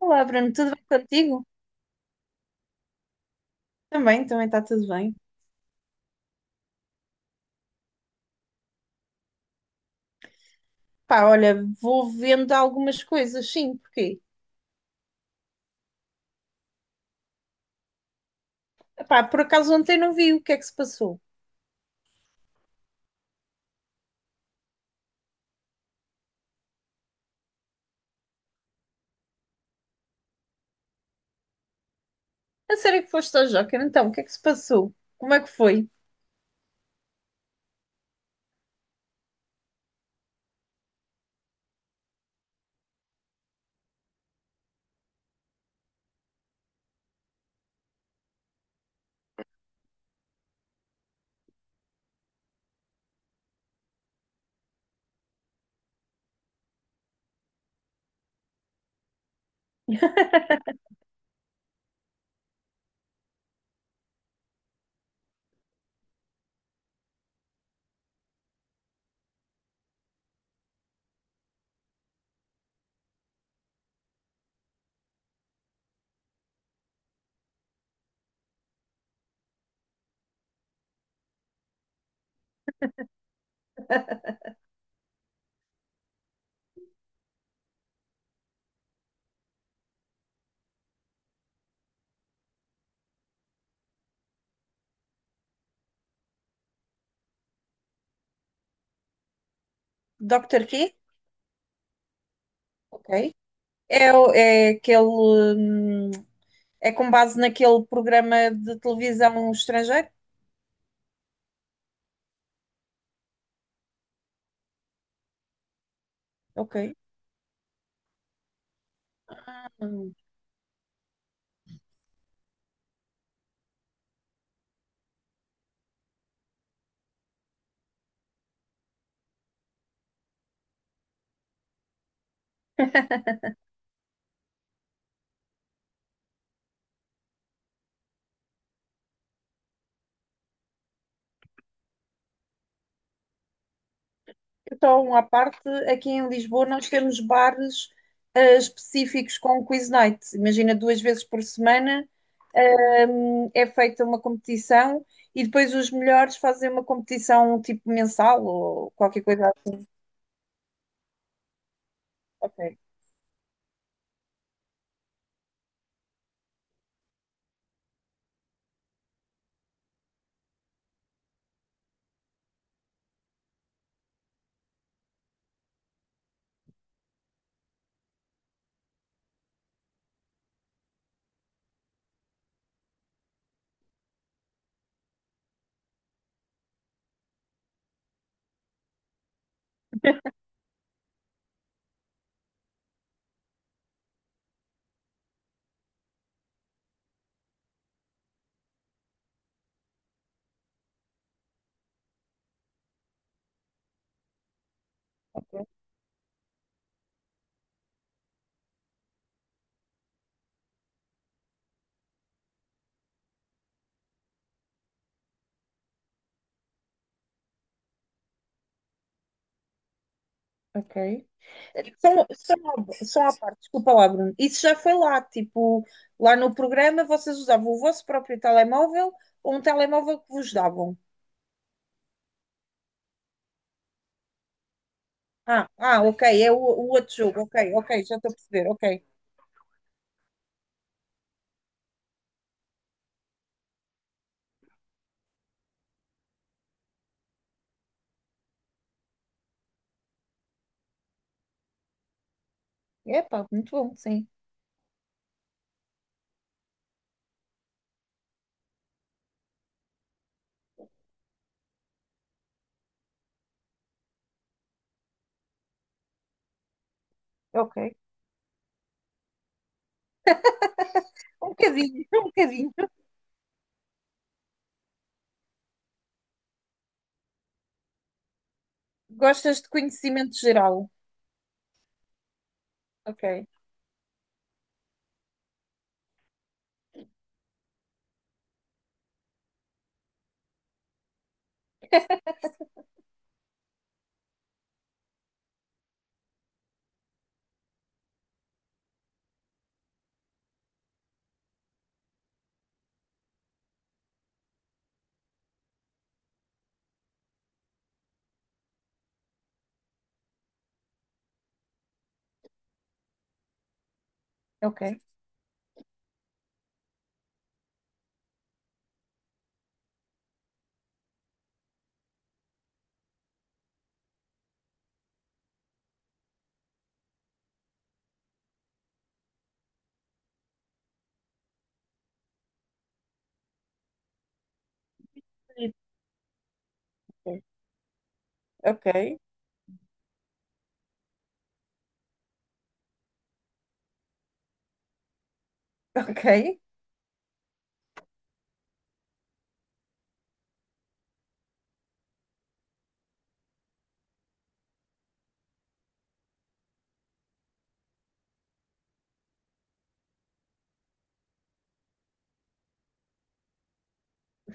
Olá, Bruno, tudo bem contigo? Também está tudo bem. Pá, olha, vou vendo algumas coisas, sim, porque, pá, por acaso ontem não vi o que é que se passou. A sério que foste ao Joker, então, o que é que se passou? Como é que foi? Doctor quê? Ok. É, é aquele, hum, é com base naquele programa de televisão estrangeiro? Ok. Hum. Então, à parte, aqui em Lisboa nós temos bares específicos com quiz night. Imagina duas vezes por semana é feita uma competição e depois os melhores fazem uma competição tipo mensal ou qualquer coisa assim. Ok, ok. Ok. São à parte, desculpa lá, Bruno. Isso já foi lá, tipo, lá no programa vocês usavam o vosso próprio telemóvel ou um telemóvel que vos davam. Ah, ah, ok, é o outro jogo, ok, ok, já estou a perceber, ok. Epá, muito bom, sim. Ok. Um bocadinho, um bocadinho. Gostas de conhecimento geral? Ok, ok. Ok, ok.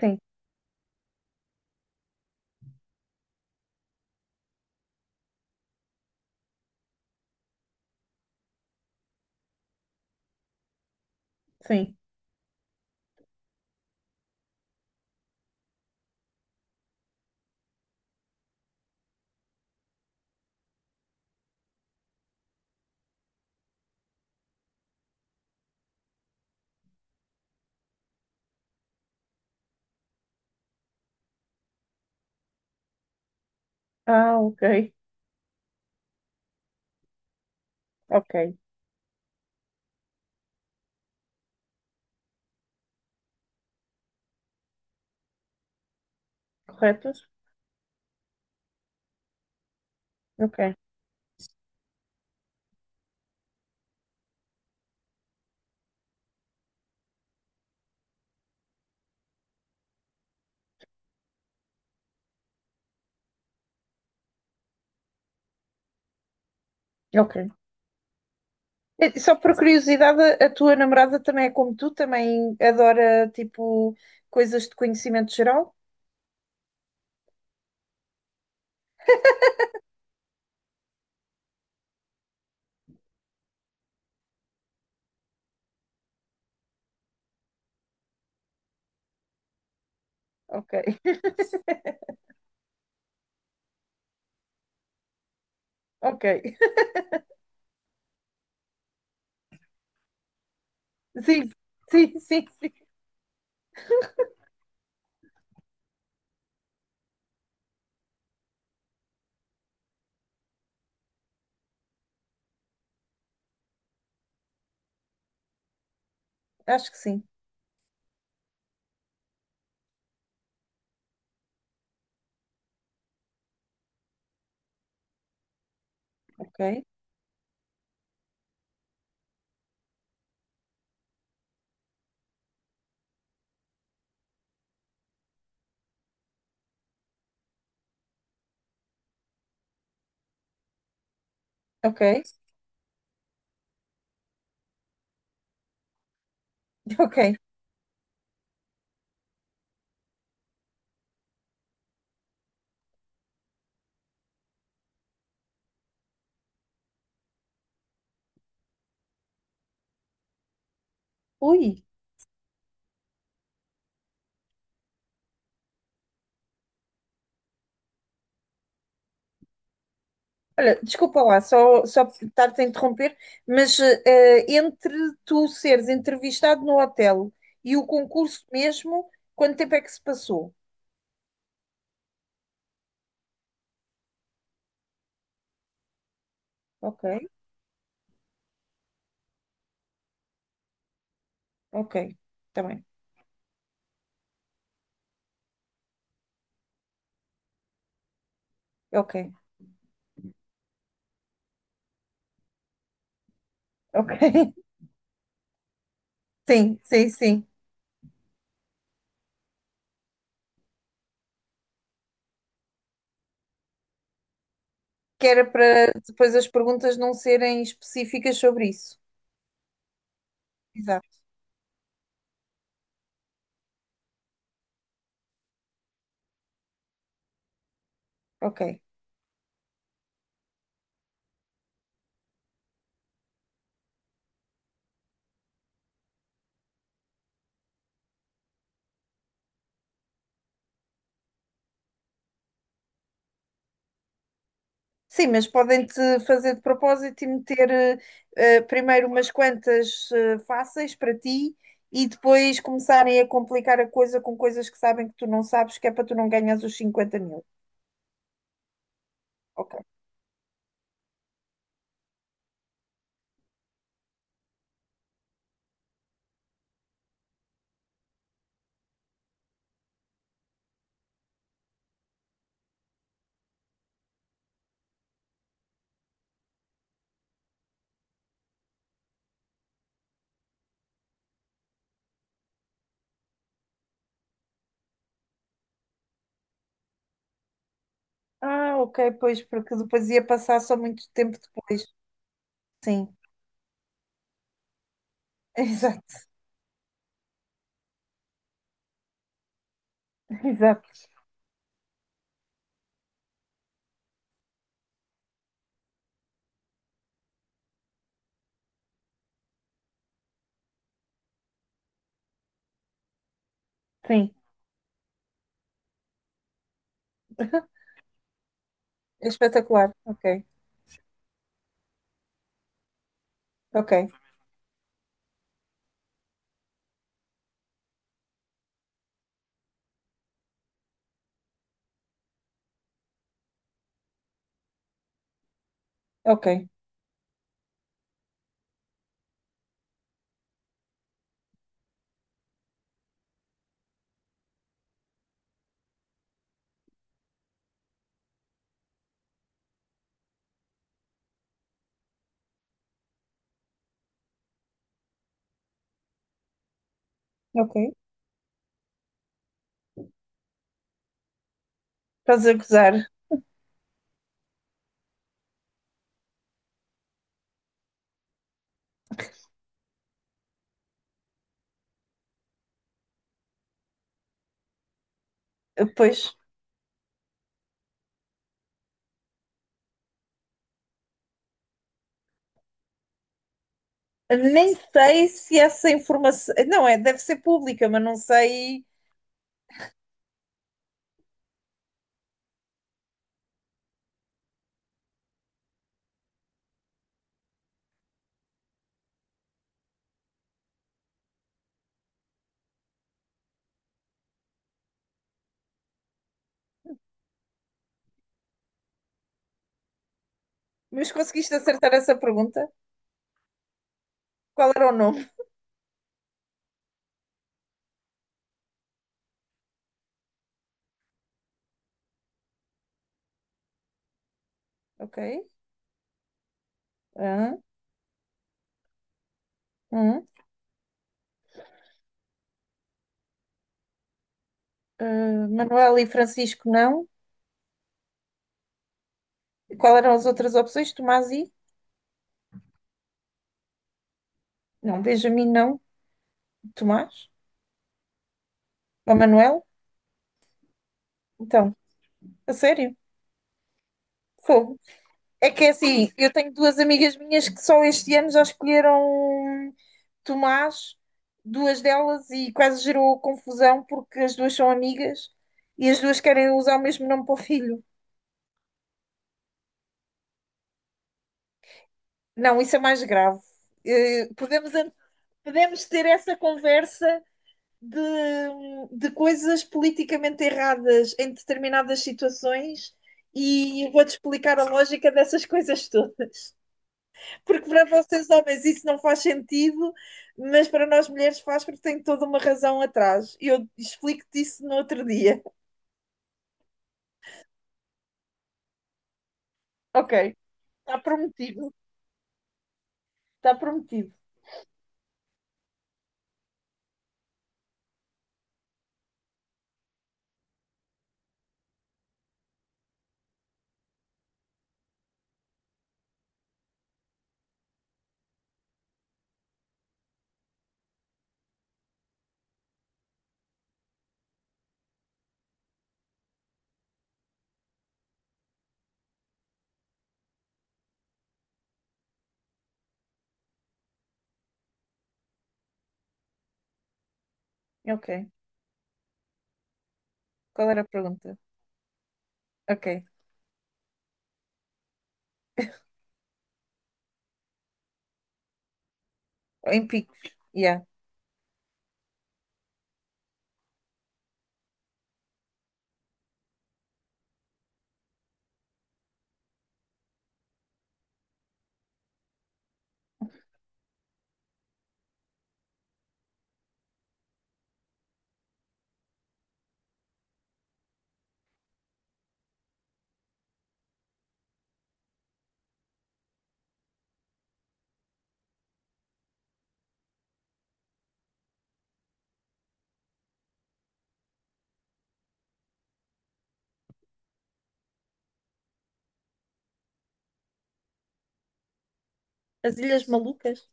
Sim, sim. Ah, ok, ok. Corretos? Ok, ok. Eh, só por curiosidade, a tua namorada também é como tu? Também adora, tipo, coisas de conhecimento geral? Ok, ok. Sim, sim, sim, sim. Acho que sim. Ok, ok, ok. Ui. Olha, desculpa lá, só estar-te a interromper, mas entre tu seres entrevistado no hotel e o concurso mesmo, quanto tempo é que se passou? Ok, ok, está bem, ok, ok. Sim, sim, sim. Que era para depois as perguntas não serem específicas sobre isso. Exato, ok. Sim, mas podem-te fazer de propósito e meter primeiro umas quantas fáceis para ti e depois começarem a complicar a coisa com coisas que sabem que tu não sabes, que é para tu não ganhas os 50 mil. Ok. Ah, ok, pois, porque depois ia passar só muito tempo depois. Sim, exato, exato, sim. É espetacular. Ok, ok, ok, ok. Estás a gozar. Pois, nem sei se essa informação. Não, é, deve ser pública, mas não sei. Mas conseguiste acertar essa pergunta? Qual era o nome? Ok. Ah, hum. Ah, Manuel e Francisco, não. E qual eram as outras opções? Tomás e? Não, Benjamin, não. Tomás? Ou Manuel? Então, a sério? Fogo. É que é assim, eu tenho duas amigas minhas que só este ano já escolheram Tomás, duas delas, e quase gerou confusão porque as duas são amigas e as duas querem usar o mesmo nome para o filho. Não, isso é mais grave. Eh, podemos ter essa conversa de, de coisas politicamente erradas em determinadas situações e eu vou-te explicar a lógica dessas coisas todas. Porque para vocês homens isso não faz sentido, mas para nós mulheres faz porque tem toda uma razão atrás. E eu explico-te isso no outro dia. Ok, está prometido. Está prometido. Ok. Qual era a pergunta? Ok. Em picos. Yeah. As Ilhas Malucas?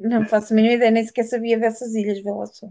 Não faço a mínima ideia, nem sequer sabia dessas ilhas, vê lá só.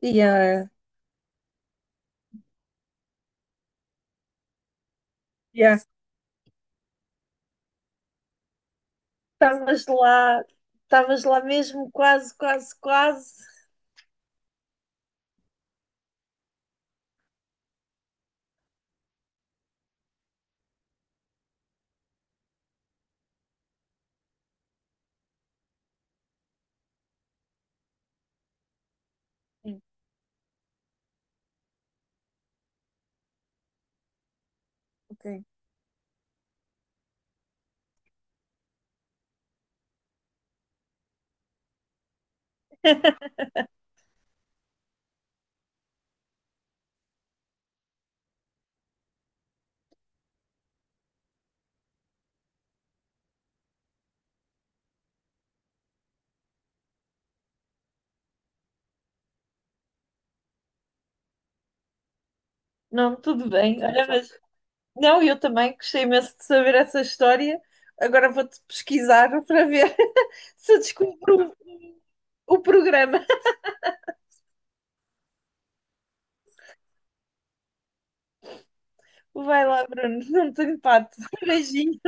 Yeah. Yeah. Estavas lá, estavas lá mesmo, quase, quase, quase. Sim, ok. Não, tudo bem. Olha, mas não, eu também gostei imenso de saber essa história. Agora vou-te pesquisar para ver se eu descubro o programa. Vai lá, Bruno, não tenho pato. Beijinho.